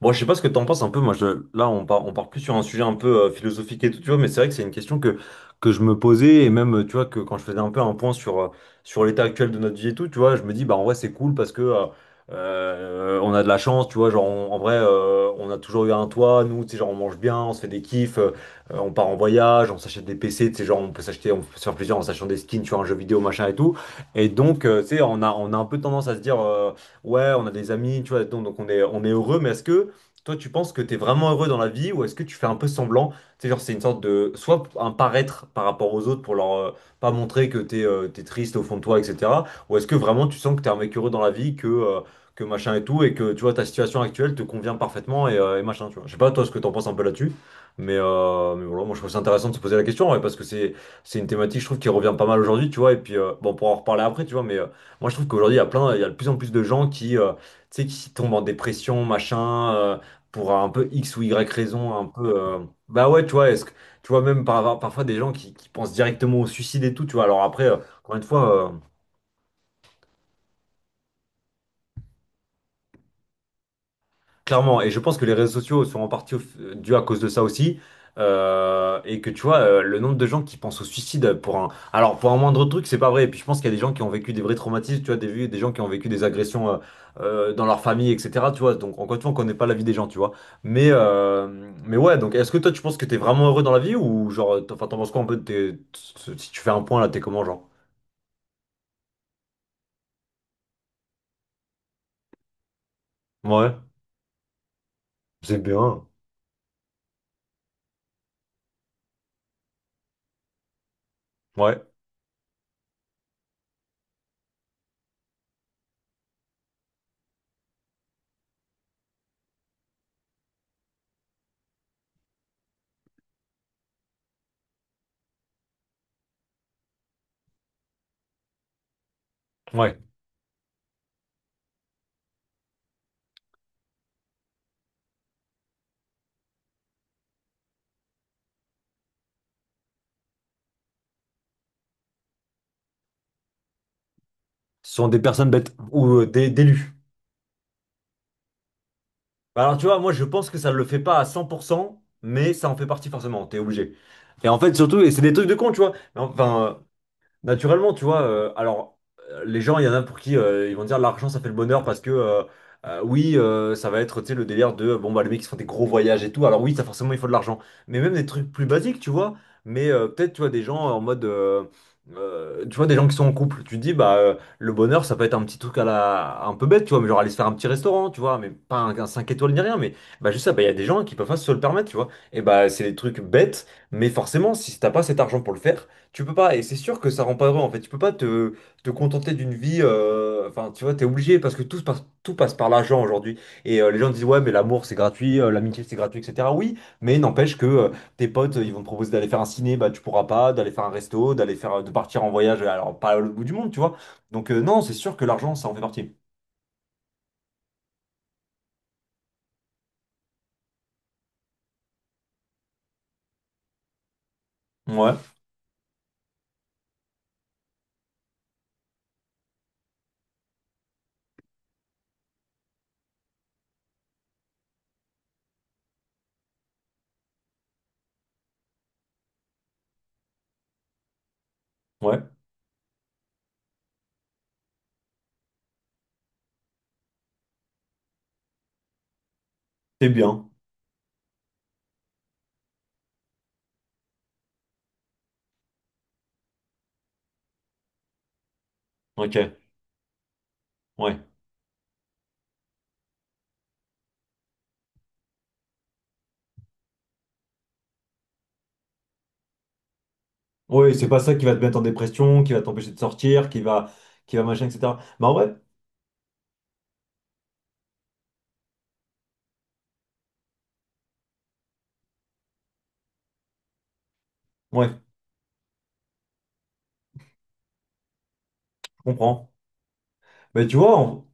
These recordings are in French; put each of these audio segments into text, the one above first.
Bon, je sais pas ce que t'en penses un peu. Moi, je, là, on part plus sur un sujet un peu philosophique et tout, tu vois. Mais c'est vrai que c'est une question que je me posais et même, tu vois, que quand je faisais un peu un point sur, sur l'état actuel de notre vie et tout, tu vois, je me dis, bah, en vrai, c'est cool parce que on a de la chance, tu vois. Genre, en vrai, on a toujours eu un toit. Nous, tu sais, genre, on mange bien, on se fait des kiffs, on part en voyage, on s'achète des PC, tu sais, genre, on peut se faire plaisir en s'achetant des skins, tu vois, un jeu vidéo, machin et tout. Et donc, tu sais, on a un peu tendance à se dire, ouais, on a des amis, tu vois, donc on est heureux. Mais est-ce que toi, tu penses que tu es vraiment heureux dans la vie, ou est-ce que tu fais un peu semblant? Tu sais, genre, c'est une sorte de. Soit un paraître par rapport aux autres pour leur pas montrer que t'es triste au fond de toi, etc. Ou est-ce que vraiment tu sens que t'es un mec heureux dans la vie, que machin et tout, et que tu vois ta situation actuelle te convient parfaitement et machin, tu vois. Je sais pas toi ce que t'en penses un peu là-dessus, mais voilà, moi je trouve ça intéressant de se poser la question ouais, parce que c'est une thématique, je trouve, qui revient pas mal aujourd'hui, tu vois. Et puis, bon, pour en reparler après, tu vois, mais moi je trouve qu'aujourd'hui il y a plein, il y a de plus en plus de gens qui, tu sais, qui tombent en dépression, machin, pour un peu X ou Y raison, un peu. Bah ouais, tu vois, est-ce que tu vois parfois des gens qui pensent directement au suicide et tout, tu vois. Alors après, encore une fois. Clairement, et je pense que les réseaux sociaux sont en partie dus à cause de ça aussi, et que tu vois, le nombre de gens qui pensent au suicide pour un... Alors, pour un moindre truc, c'est pas vrai, et puis je pense qu'il y a des gens qui ont vécu des vrais traumatismes, tu vois, des gens qui ont vécu des agressions dans leur famille, etc., tu vois, donc encore une fois, on connaît pas la vie des gens, tu vois, mais, euh, mais ouais, donc est-ce que toi, tu penses que t'es vraiment heureux dans la vie, ou genre, enfin, t'en penses quoi un peu de tes... Si tu fais un point, là, t'es comment, genre? Ouais, c'est bien. Ouais, ouais. Ce sont des personnes bêtes, ou des, d'élus. Bah alors tu vois, moi je pense que ça le fait pas à 100%, mais ça en fait partie forcément, t'es obligé. Et en fait surtout, et c'est des trucs de con, tu vois. Mais enfin, naturellement, tu vois, alors les gens, il y en a pour qui ils vont dire l'argent ça fait le bonheur parce que oui, ça va être tu sais, le délire de bon bah les mecs qui font des gros voyages et tout, alors oui, ça forcément il faut de l'argent, mais même des trucs plus basiques, tu vois, mais peut-être tu vois des gens en mode, tu vois, des gens qui sont en couple, tu te dis bah le bonheur ça peut être un petit truc à la un peu bête, tu vois, mais genre aller se faire un petit restaurant, tu vois, mais pas un 5 étoiles ni rien, mais bah juste ça, bah il y a des gens qui peuvent pas se le permettre, tu vois, et bah c'est des trucs bêtes, mais forcément si t'as pas cet argent pour le faire. Tu peux pas, et c'est sûr que ça rend pas heureux en fait. Tu peux pas te, te contenter d'une vie. Enfin, tu vois, t'es obligé parce que tout passe par l'argent aujourd'hui. Et les gens disent, ouais, mais l'amour c'est gratuit, l'amitié c'est gratuit, etc. Oui, mais n'empêche que tes potes ils vont te proposer d'aller faire un ciné, bah tu pourras pas, d'aller faire un resto, d'aller faire, de partir en voyage, alors pas au bout du monde, tu vois. Donc, non, c'est sûr que l'argent ça en fait partie. Ouais, ouais, c'est bien. Ok, ouais. Oui, c'est pas ça qui va te mettre en dépression, qui va t'empêcher de sortir, qui va machin, etc. Bah ouais, ouais, je comprends. Mais tu vois,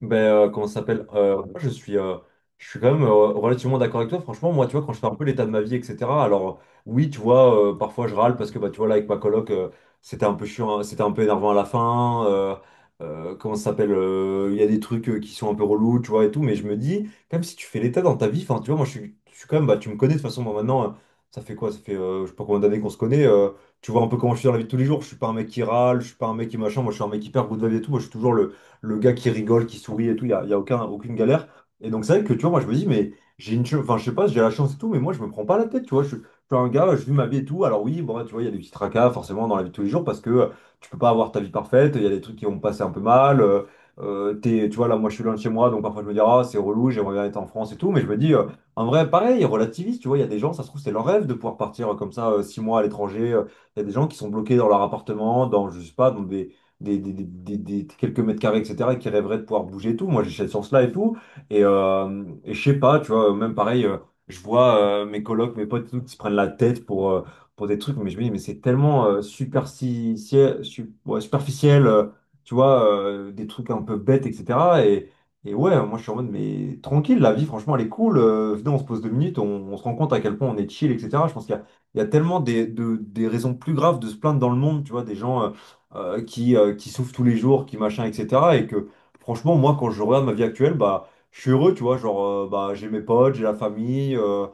ben, comment ça s'appelle? Moi, je suis quand même relativement d'accord avec toi. Franchement, moi, tu vois, quand je fais un peu l'état de ma vie, etc. Alors, oui, tu vois, parfois je râle parce que, bah, tu vois, là, avec ma coloc, c'était un peu chiant, hein, c'était un peu énervant à la fin. Comment ça s'appelle? Il y a des trucs qui sont un peu relous, tu vois, et tout. Mais je me dis, même si tu fais l'état dans ta vie, enfin, tu vois, je suis quand même, bah, tu me connais de toute façon, moi, maintenant, ça fait quoi? Ça fait, je sais pas combien d'années qu'on se connaît. Tu vois un peu comment je suis dans la vie de tous les jours. Je suis pas un mec qui râle, je suis pas un mec qui machin. Moi, je suis un mec hyper good vibe et tout. Moi, je suis toujours le gars qui rigole, qui sourit et tout, y a aucun, aucune galère. Et donc c'est vrai que tu vois, moi je me dis, mais j'ai une chance, enfin je sais pas, j'ai la chance et tout, mais moi je me prends pas la tête, tu vois. Je suis un gars, je vis ma vie et tout. Alors oui, bon, bah, tu vois, il y a des petits tracas forcément dans la vie de tous les jours parce que tu peux pas avoir ta vie parfaite, il y a des trucs qui vont passer un peu mal. Tu vois, là, moi je suis loin de chez moi, donc parfois je me dis, ah, c'est relou, j'aimerais bien être en France et tout, mais je me dis, en vrai, pareil, relativiste, tu vois, il y a des gens, ça se trouve, c'est leur rêve de pouvoir partir comme ça, 6 mois à l'étranger. Il y a des gens qui sont bloqués dans leur appartement, dans, je sais pas, dans quelques mètres carrés, etc., et qui rêveraient de pouvoir bouger et tout. Moi, j'ai cette chance-là et tout. Et je sais pas, tu vois, même pareil, je vois mes colocs, mes potes et tout, qui se prennent la tête pour des trucs, mais je me dis, mais c'est tellement ouais, superficiel, tu vois, des trucs un peu bêtes, etc. Et, et ouais, moi je suis en mode, mais tranquille, la vie, franchement, elle est cool. Venez, on se rend compte à quel point on est chill, etc. Je pense il y a tellement des raisons plus graves de se plaindre dans le monde, tu vois, des gens qui souffrent tous les jours, qui machin, etc. Et que franchement, moi, quand je regarde ma vie actuelle, bah, je suis heureux, tu vois. Genre, bah, j'ai mes potes, j'ai la famille, euh,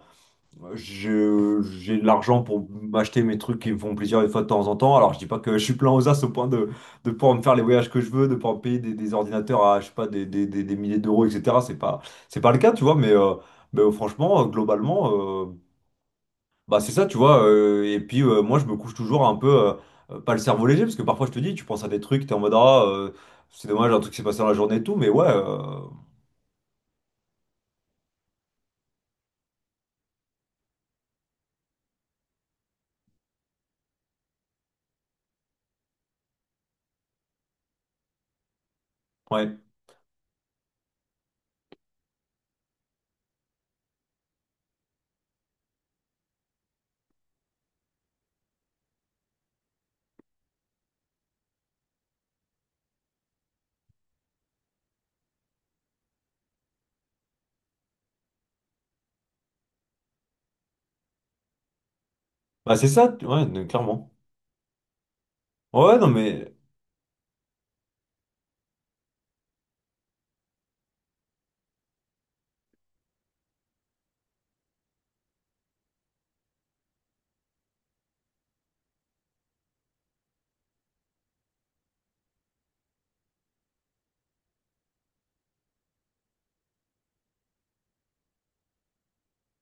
je- j'ai de l'argent pour m'acheter mes trucs qui me font plaisir une fois de temps en temps. Alors, je dis pas que je suis plein aux as au point de pouvoir me faire les voyages que je veux, de pouvoir me payer des ordinateurs à, je sais pas, des milliers d'euros, etc. C'est pas le cas, tu vois, mais. Mais, franchement, globalement, bah c'est ça, tu vois. Et puis moi, je me couche toujours un peu, pas le cerveau léger, parce que parfois je te dis, tu penses à des trucs, t'es en mode, ah, c'est dommage, un truc s'est passé dans la journée et tout, mais ouais, ouais. Bah c'est ça, tu- ouais, clairement. Ouais, ouais, non mais.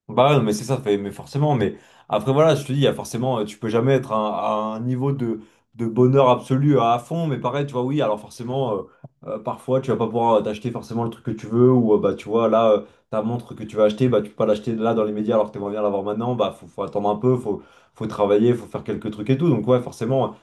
Bah ouais, non, mais c'est ça, fait, mais forcément, mais après voilà, je te dis, il y a forcément, tu peux jamais être à un niveau de bonheur absolu à fond, mais pareil, tu vois, oui, alors forcément, parfois tu vas pas pouvoir t'acheter forcément le truc que tu veux, ou bah tu vois, là, ta montre que tu vas acheter, bah tu peux pas l'acheter là dans les médias alors que t'aimerais bien l'avoir maintenant, bah faut, faut attendre un peu, faut, faut travailler, faut faire quelques trucs et tout, donc ouais, forcément,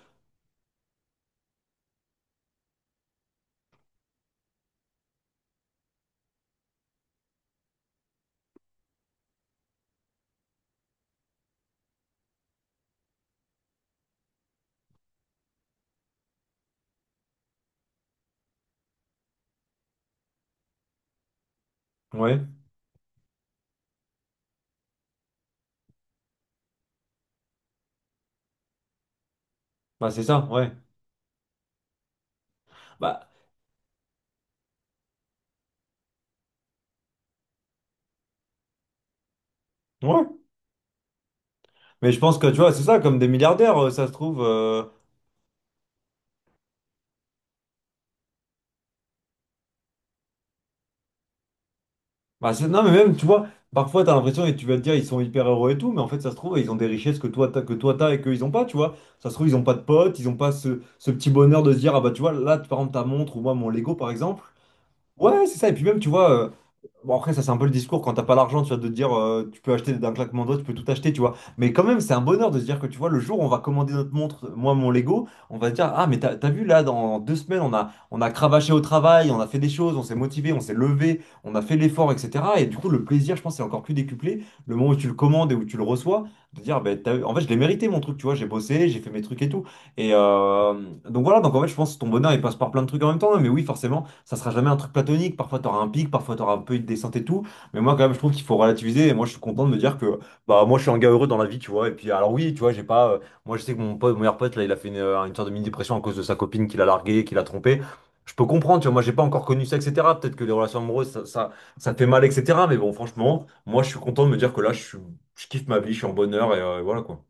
ouais. Ouais, bah c'est ça, ouais, bah ouais, mais je pense que tu vois, c'est ça, comme des milliardaires, ça se trouve. Bah, c'est- non, mais même, tu vois, parfois, t'as l'impression, et tu vas te dire, ils sont hyper heureux et tout, mais en fait, ça se trouve, ils ont des richesses que toi, t'as et qu'ils ont pas, tu vois. Ça se trouve, ils ont pas de potes, ils ont pas ce petit bonheur de se dire, ah bah, tu vois, là, par exemple, ta montre ou moi, mon Lego, par exemple. Ouais, c'est ça. Et puis même, tu vois, bon, après, ça, c'est un peu le discours quand t'as pas l'argent, tu vois, de te dire tu peux acheter d'un claquement de doigts, tu peux tout acheter, tu vois. Mais quand même, c'est un bonheur de se dire que tu vois, le jour où on va commander notre montre, moi, mon Lego, on va se dire, ah, mais t'as, t'as vu là, dans 2 semaines, on a cravaché au travail, on a fait des choses, on s'est motivé, on s'est levé, on a fait l'effort, etc. Et du coup, le plaisir, je pense, c'est encore plus décuplé le moment où tu le commandes et où tu le reçois, de dire, ben, t'as- en fait, je l'ai mérité mon truc, tu vois, j'ai bossé, j'ai fait mes trucs et tout. Et euh, donc voilà, donc en fait, je pense que ton bonheur, il passe par plein de trucs en même temps, hein. Mais oui, forcément ça sera jamais un truc platonique. Parfois, tu auras un pic, parfois, tu auras un peu une descente et tout. Mais moi, quand même, je trouve qu'il faut relativiser. Et moi, je suis content de me dire que bah, moi, je suis un gars heureux dans la vie, tu vois. Et puis, alors, oui, tu vois, j'ai pas. Moi, je sais que mon meilleur pote, là, il a fait une sorte de mini-dépression à cause de sa copine qu'il a larguée, qu'il a trompée. Je peux comprendre, tu vois. Moi, j'ai pas encore connu ça, etc. Peut-être que les relations amoureuses, ça te fait mal, etc. Mais bon, franchement, moi, je suis content de me dire que là, je suis- je kiffe ma vie, je suis en bonheur et voilà quoi.